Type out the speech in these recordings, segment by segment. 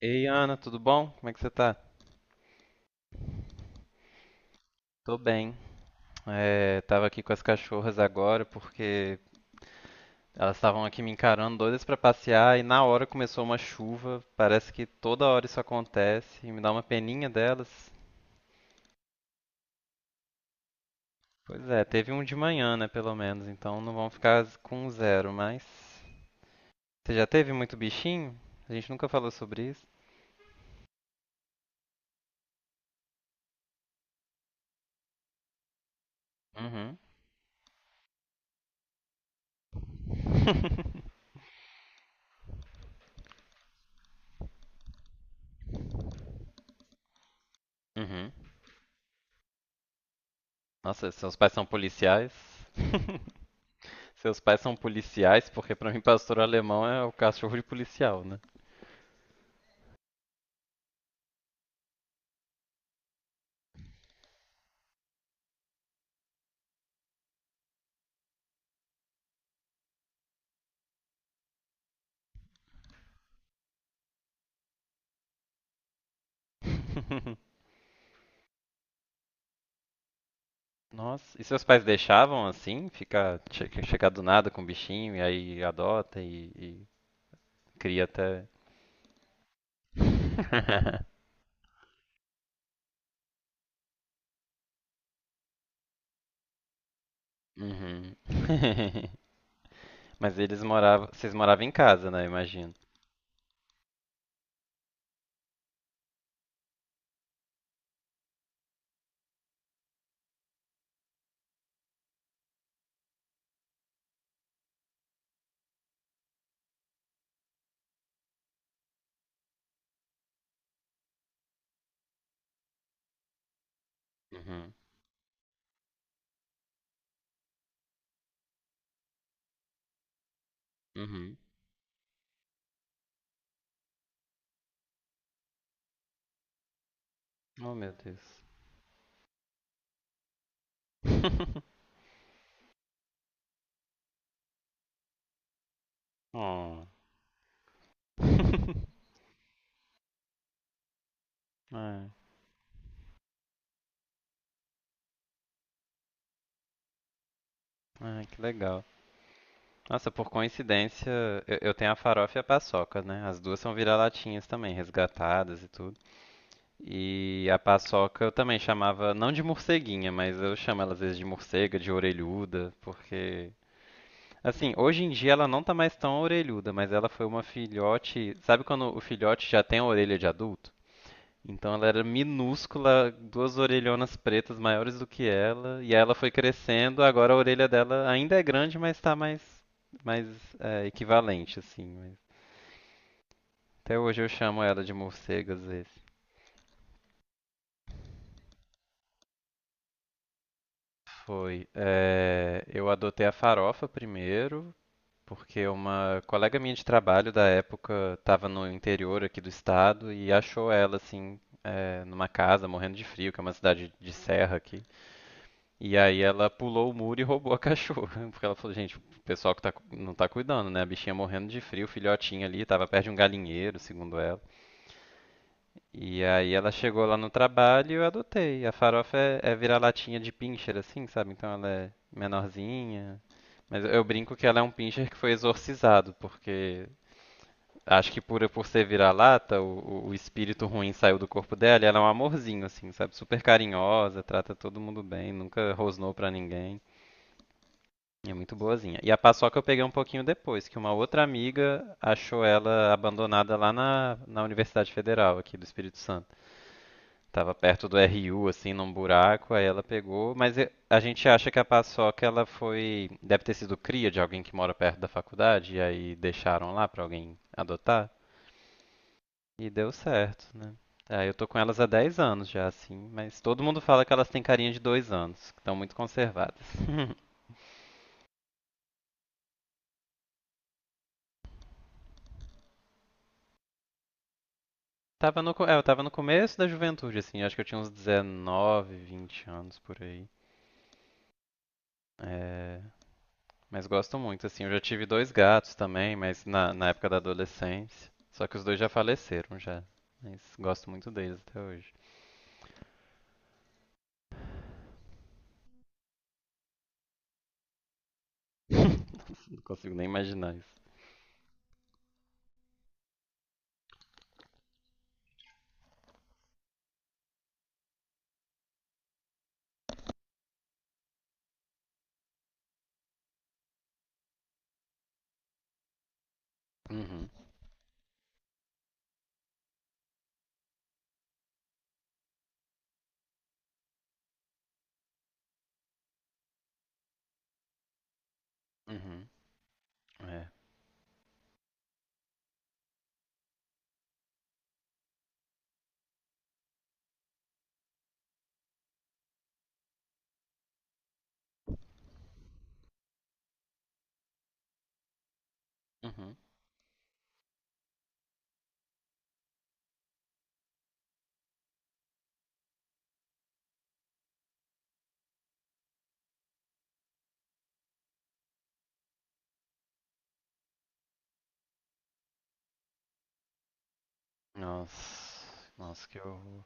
Ei, Ana, tudo bom? Como é que você tá? Tô bem. Tava aqui com as cachorras agora porque elas estavam aqui me encarando doidas pra passear e na hora começou uma chuva. Parece que toda hora isso acontece e me dá uma peninha delas. Pois é, teve um de manhã, né, pelo menos, então não vão ficar com zero, mas você já teve muito bichinho? A gente nunca falou sobre isso. Uhum. Uhum. Nossa, seus pais são policiais? Seus pais são policiais, porque pra mim pastor alemão é o cachorro de policial, né? Nossa, e seus pais deixavam assim, ficar, chegar do nada com o bichinho e aí adota e cria até. Uhum. Mas eles moravam, vocês moravam em casa, né? Imagino. Uhum. Uhum. Oh, meu Deus. Oh. Ai, ai, que legal. Nossa, por coincidência, eu tenho a farofa e a paçoca, né? As duas são vira-latinhas também, resgatadas e tudo. E a paçoca eu também chamava, não de morceguinha, mas eu chamo ela às vezes de morcega, de orelhuda, porque. Assim, hoje em dia ela não tá mais tão orelhuda, mas ela foi uma filhote. Sabe quando o filhote já tem a orelha de adulto? Então ela era minúscula, duas orelhonas pretas maiores do que ela, e aí ela foi crescendo, agora a orelha dela ainda é grande, mas tá mais, mas é equivalente, assim. Até hoje eu chamo ela de morcega às vezes. Foi. Eu adotei a farofa primeiro, porque uma colega minha de trabalho da época estava no interior aqui do estado e achou ela, assim, é, numa casa, morrendo de frio, que é uma cidade de serra aqui. E aí ela pulou o muro e roubou a cachorra. Porque ela falou, gente, o pessoal que tá, não tá cuidando, né? A bichinha morrendo de frio, o filhotinho ali, tava perto de um galinheiro, segundo ela. E aí ela chegou lá no trabalho e eu adotei. A farofa é, vira-latinha de pincher, assim, sabe? Então ela é menorzinha. Mas eu brinco que ela é um pincher que foi exorcizado, porque acho que por ser vira-lata, o espírito ruim saiu do corpo dela e ela é um amorzinho, assim, sabe? Super carinhosa, trata todo mundo bem, nunca rosnou pra ninguém. É muito boazinha. E a paçoca eu peguei um pouquinho depois, que uma outra amiga achou ela abandonada lá na Universidade Federal aqui do Espírito Santo. Tava perto do RU, assim, num buraco, aí ela pegou, mas a gente acha que a paçoca ela foi, deve ter sido cria de alguém que mora perto da faculdade, e aí deixaram lá pra alguém adotar, e deu certo, né? Aí eu tô com elas há 10 anos já, assim, mas todo mundo fala que elas têm carinha de 2 anos, que estão muito conservadas. Tava no, co- é, eu tava no começo da juventude, assim, acho que eu tinha uns 19, 20 anos por aí. É, mas gosto muito, assim. Eu já tive dois gatos também, mas na época da adolescência. Só que os dois já faleceram já. Mas gosto muito deles até hoje. Nossa, não consigo nem imaginar isso. Uhum, uhum, é. Uhum. Nossa, nossa, que horror.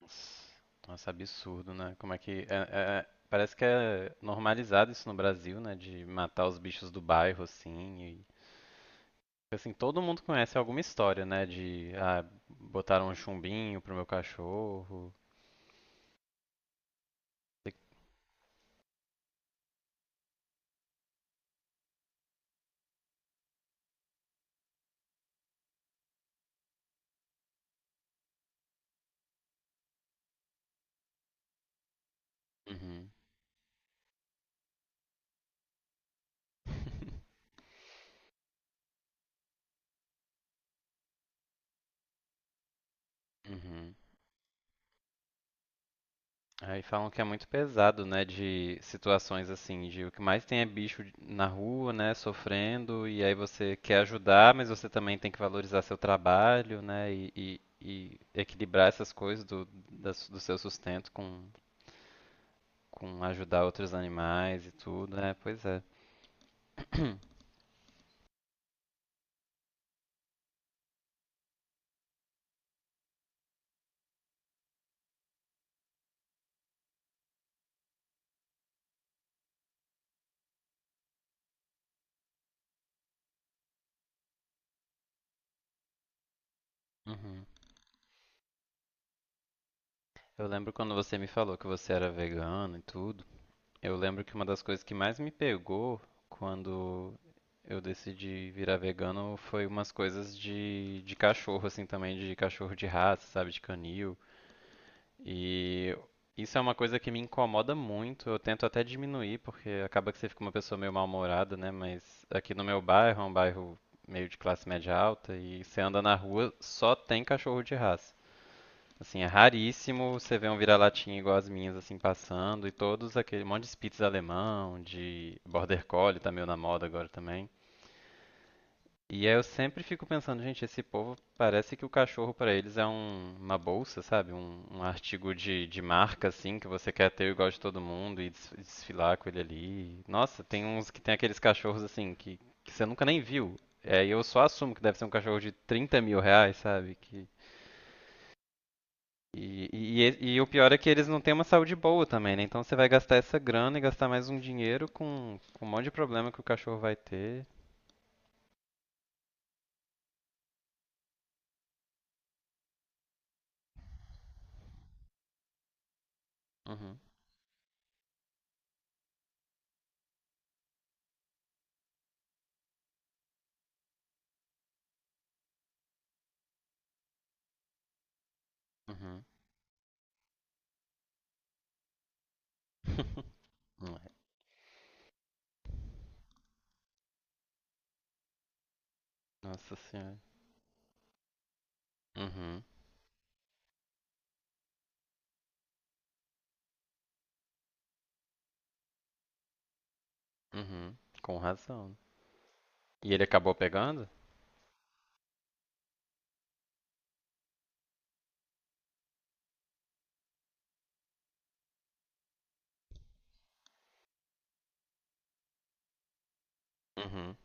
Nossa, nossa, absurdo, né? Como é que. Parece que é normalizado isso no Brasil, né? De matar os bichos do bairro, assim. E, assim, todo mundo conhece alguma história, né? De. Ah, botaram um chumbinho pro meu cachorro. Uhum. Uhum. Aí falam que é muito pesado, né, de situações assim, de o que mais tem é bicho na rua, né, sofrendo, e aí você quer ajudar, mas você também tem que valorizar seu trabalho, né, e equilibrar essas coisas do, da do seu sustento com ajudar outros animais e tudo, né, pois é. Uhum. Eu lembro quando você me falou que você era vegano e tudo. Eu lembro que uma das coisas que mais me pegou quando eu decidi virar vegano foi umas coisas de, cachorro, assim, também, de cachorro de raça, sabe, de canil. E isso é uma coisa que me incomoda muito. Eu tento até diminuir, porque acaba que você fica uma pessoa meio mal-humorada, né? Mas aqui no meu bairro, é um bairro meio de classe média alta, e você anda na rua, só tem cachorro de raça. Assim, é raríssimo você ver um vira-latinha igual as minhas, assim, passando, e todos aquele um monte de Spitz alemão, de Border Collie, tá meio na moda agora também. E aí eu sempre fico pensando, gente, esse povo parece que o cachorro pra eles é uma bolsa, sabe? Um artigo de, marca, assim, que você quer ter igual de todo mundo e desfilar com ele ali. Nossa, tem uns que tem aqueles cachorros, assim, que você nunca nem viu. É, e eu só assumo que deve ser um cachorro de 30.000 reais, sabe? Que o pior é que eles não têm uma saúde boa também, né? Então você vai gastar essa grana e gastar mais um dinheiro com um monte de problema que o cachorro vai ter. Uhum, uhum. Nossa senhora. Uhum, uhum. Com razão. E ele acabou pegando? Uhum.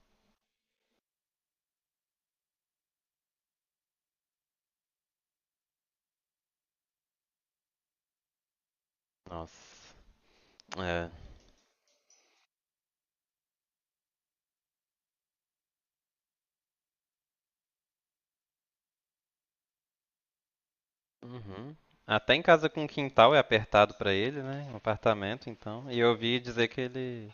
Nossa. É. Uhum. Até em casa com quintal é apertado pra ele, né? Um apartamento, então. E eu ouvi dizer que ele.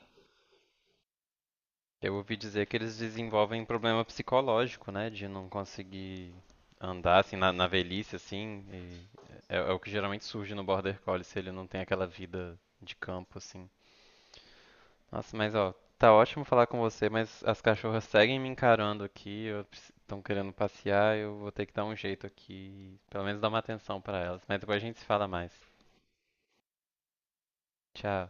Eu ouvi dizer que eles desenvolvem problema psicológico, né? De não conseguir andar assim na, na velhice, assim. E é o que geralmente surge no Border Collie se ele não tem aquela vida de campo, assim. Nossa, mas ó, tá ótimo falar com você, mas as cachorras seguem me encarando aqui, estão querendo passear, eu vou ter que dar um jeito aqui, pelo menos dar uma atenção pra elas. Mas depois a gente se fala mais. Tchau.